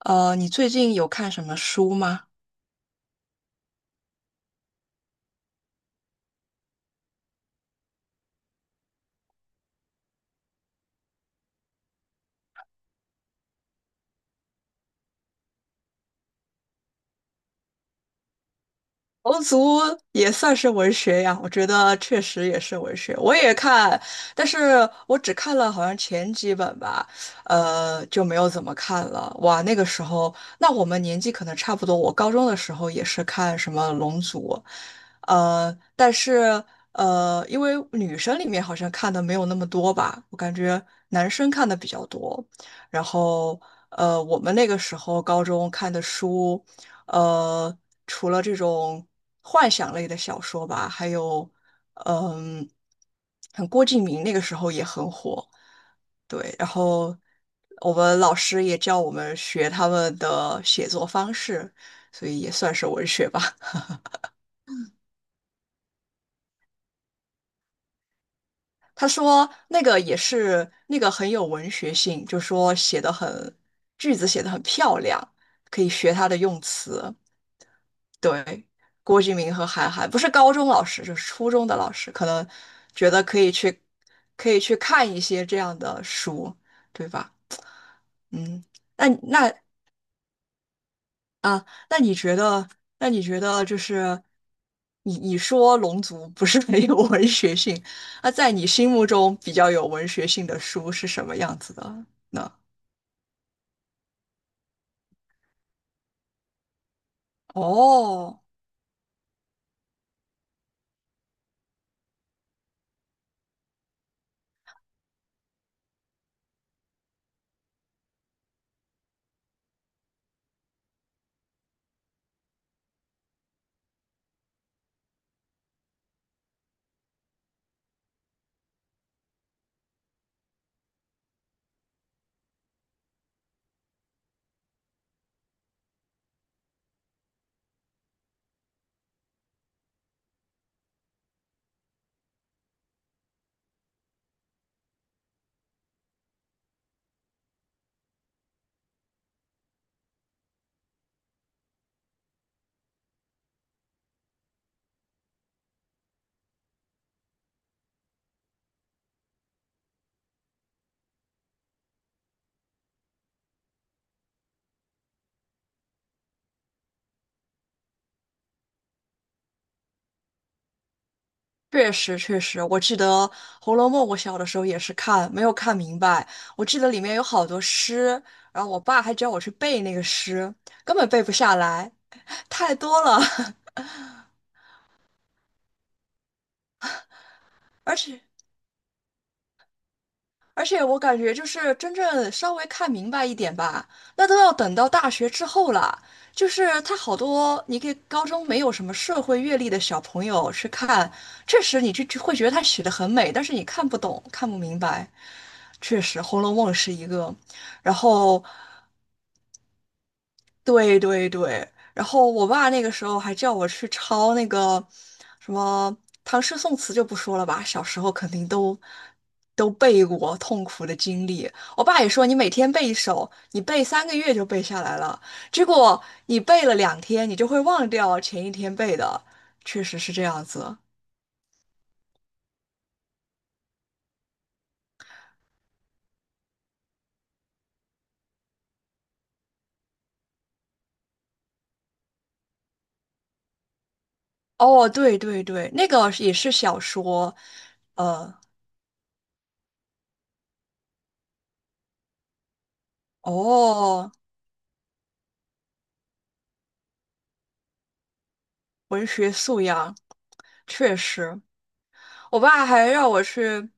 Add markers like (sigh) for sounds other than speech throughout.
你最近有看什么书吗？龙族也算是文学呀，我觉得确实也是文学。我也看，但是我只看了好像前几本吧，就没有怎么看了。哇，那个时候，那我们年纪可能差不多。我高中的时候也是看什么龙族，但是因为女生里面好像看的没有那么多吧，我感觉男生看的比较多。然后，我们那个时候高中看的书。呃，除了这种幻想类的小说吧，还有嗯，像郭敬明那个时候也很火，对，然后我们老师也教我们学他们的写作方式，所以也算是文学吧。(laughs) 他说那个也是那个很有文学性，就说写的很，句子写的很漂亮，可以学他的用词。对，郭敬明和韩寒，不是高中老师，就是初中的老师，可能觉得可以去，可以去看一些这样的书，对吧？嗯，那啊，那你觉得，那你觉得就是你说《龙族》不是没有 (laughs) 文学性，那在你心目中比较有文学性的书是什么样子的呢？哦确实，确实，我记得《红楼梦》，我小的时候也是看，没有看明白。我记得里面有好多诗，然后我爸还教我去背那个诗，根本背不下来，太多了。(laughs) 而且，而且我感觉就是真正稍微看明白一点吧，那都要等到大学之后了。就是他好多你给高中没有什么社会阅历的小朋友去看，确实你就会觉得他写的很美，但是你看不懂，看不明白。确实，《红楼梦》是一个，然后对对对，然后我爸那个时候还叫我去抄那个什么唐诗宋词就不说了吧，小时候肯定都都背过痛苦的经历。我爸也说你每天背一首，你背3个月就背下来了，结果你背了2天，你就会忘掉前1天背的，确实是这样子。哦，对对对，那个也是小说，呃，哦，文学素养确实。我爸还让我去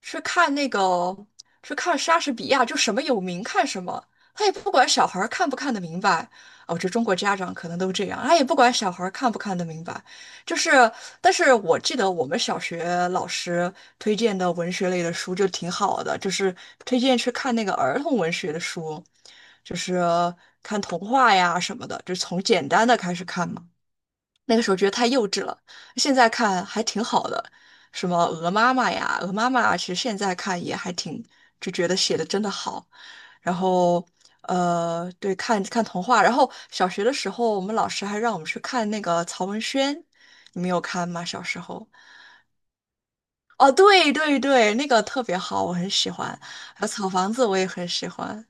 去看那个去看莎士比亚，就什么有名看什么，他也不管小孩儿看不看得明白。哦，这中国家长可能都这样，他也不管小孩儿看不看得明白。就是，但是我记得我们小学老师推荐的文学类的书就挺好的，就是推荐去看那个儿童文学的书，就是看童话呀什么的，就从简单的开始看嘛。那个时候觉得太幼稚了，现在看还挺好的，什么鹅妈妈呀，鹅妈妈其实现在看也还挺，就觉得写的真的好。然后，对，看看童话。然后小学的时候，我们老师还让我们去看那个曹文轩，你们有看吗？小时候？哦，对对对，那个特别好，我很喜欢。还有草房子，我也很喜欢。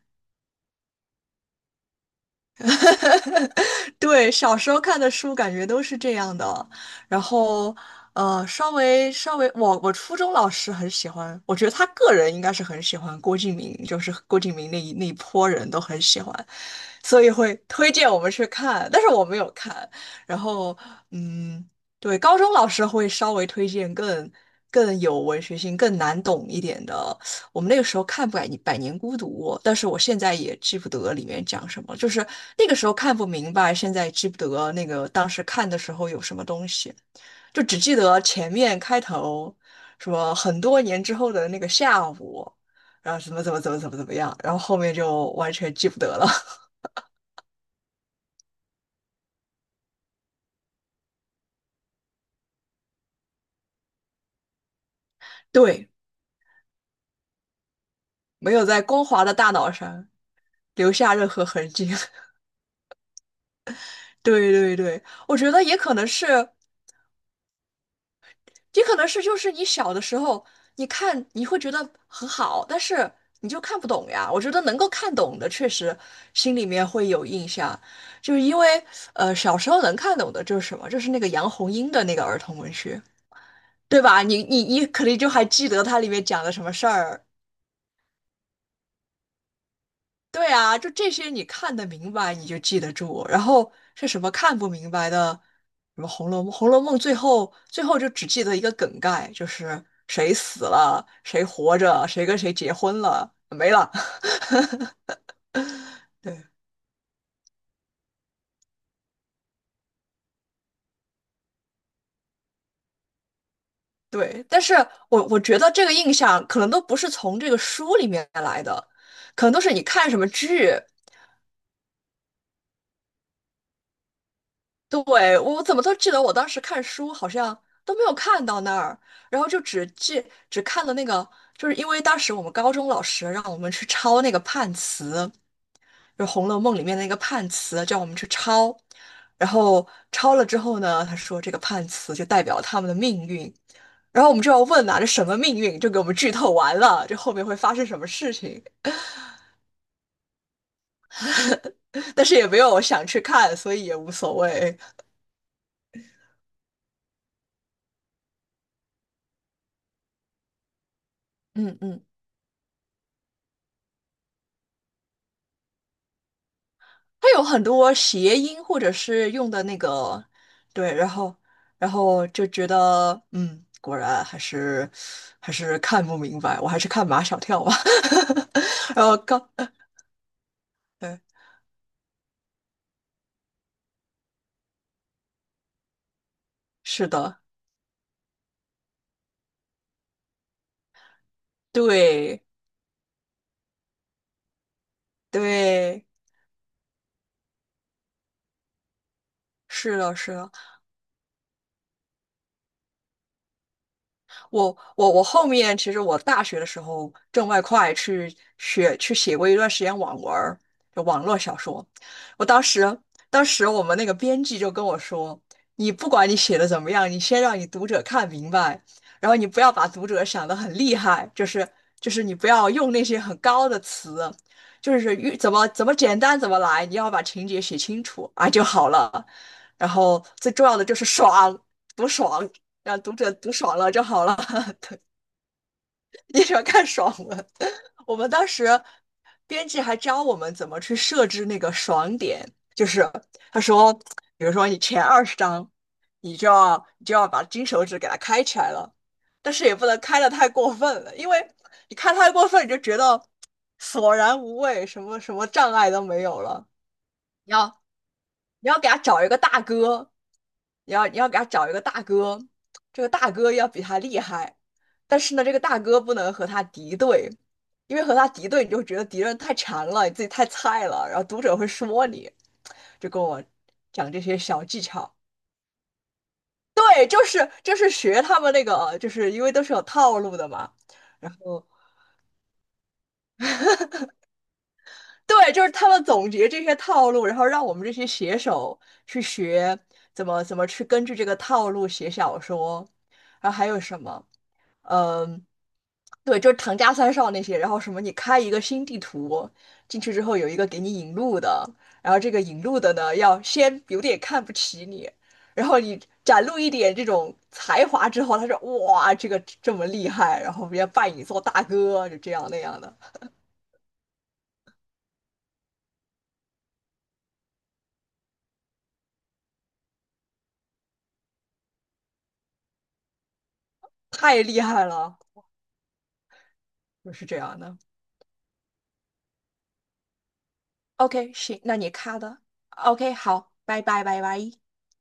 (laughs) 对，小时候看的书感觉都是这样的，然后稍微稍微，我初中老师很喜欢，我觉得他个人应该是很喜欢郭敬明，就是郭敬明那一波人都很喜欢，所以会推荐我们去看，但是我没有看。然后，嗯，对，高中老师会稍微推荐更更有文学性、更难懂一点的。我们那个时候看《百年孤独》，但是我现在也记不得里面讲什么，就是那个时候看不明白，现在记不得那个当时看的时候有什么东西，就只记得前面开头，什么很多年之后的那个下午，然后什么怎么怎么怎么怎么样，然后后面就完全记不得了。(laughs) 对，没有在光滑的大脑上留下任何痕迹。(laughs) 对对对，我觉得也可能是，也可能是，就是你小的时候，你看你会觉得很好，但是你就看不懂呀。我觉得能够看懂的，确实心里面会有印象，就是因为小时候能看懂的就是什么，就是那个杨红樱的那个儿童文学，对吧？你肯定就还记得它里面讲的什么事儿，对啊，就这些你看得明白，你就记得住。然后是什么看不明白的，什么《红楼梦》，《红楼梦》最后最后就只记得一个梗概，就是谁死了，谁活着，谁跟谁结婚了，没了。(laughs) 对对，但是我觉得这个印象可能都不是从这个书里面来的，可能都是你看什么剧，对，我怎么都记得我当时看书好像都没有看到那儿，然后就只记只看了那个，就是因为当时我们高中老师让我们去抄那个判词，就是红楼梦》里面的那个判词，叫我们去抄。然后抄了之后呢，他说这个判词就代表他们的命运，然后我们就要问啊，这什么命运？就给我们剧透完了，这后面会发生什么事情？(laughs) 但是也没有想去看，所以也无所谓。嗯嗯。它有很多谐音或者是用的那个，对，然后然后就觉得，嗯，果然还是还是看不明白，我还是看马小跳吧。(laughs) 然后刚，对，是的，对对，是的，是的。我后面其实我大学的时候挣外快去学去写过一段时间网文儿，就网络小说。我当时当时我们那个编辑就跟我说，你不管你写的怎么样，你先让你读者看明白，然后你不要把读者想得很厉害，就是就是你不要用那些很高的词，就是越怎么怎么简单怎么来，你要把情节写清楚啊就好了。然后最重要的就是爽，多爽。让读者读爽了就好了，(laughs) 你喜欢看爽文。(laughs) 我们当时编辑还教我们怎么去设置那个爽点，就是他说，比如说你前20章，你就要把金手指给它开起来了，但是也不能开的太过分了，因为你开太过分，你就觉得索然无味，什么什么障碍都没有了。你要你要给他找一个大哥，你要给他找一个大哥，这个大哥要比他厉害，但是呢，这个大哥不能和他敌对，因为和他敌对，你就觉得敌人太馋了，你自己太菜了，然后读者会说你，就跟我讲这些小技巧。对，就是就是学他们那个，就是因为都是有套路的嘛。然后。对，就是他们总结这些套路，然后让我们这些写手去学怎么怎么去根据这个套路写小说，然后还有什么，嗯，对，就是唐家三少那些，然后什么你开一个新地图进去之后有一个给你引路的，然后这个引路的呢要先有点看不起你，然后你展露一点这种才华之后，他说哇这个这么厉害，然后别人家拜你做大哥，就这样那样的，太厉害了，就是这样的。OK,行，那你卡的。OK,好，拜拜，拜拜。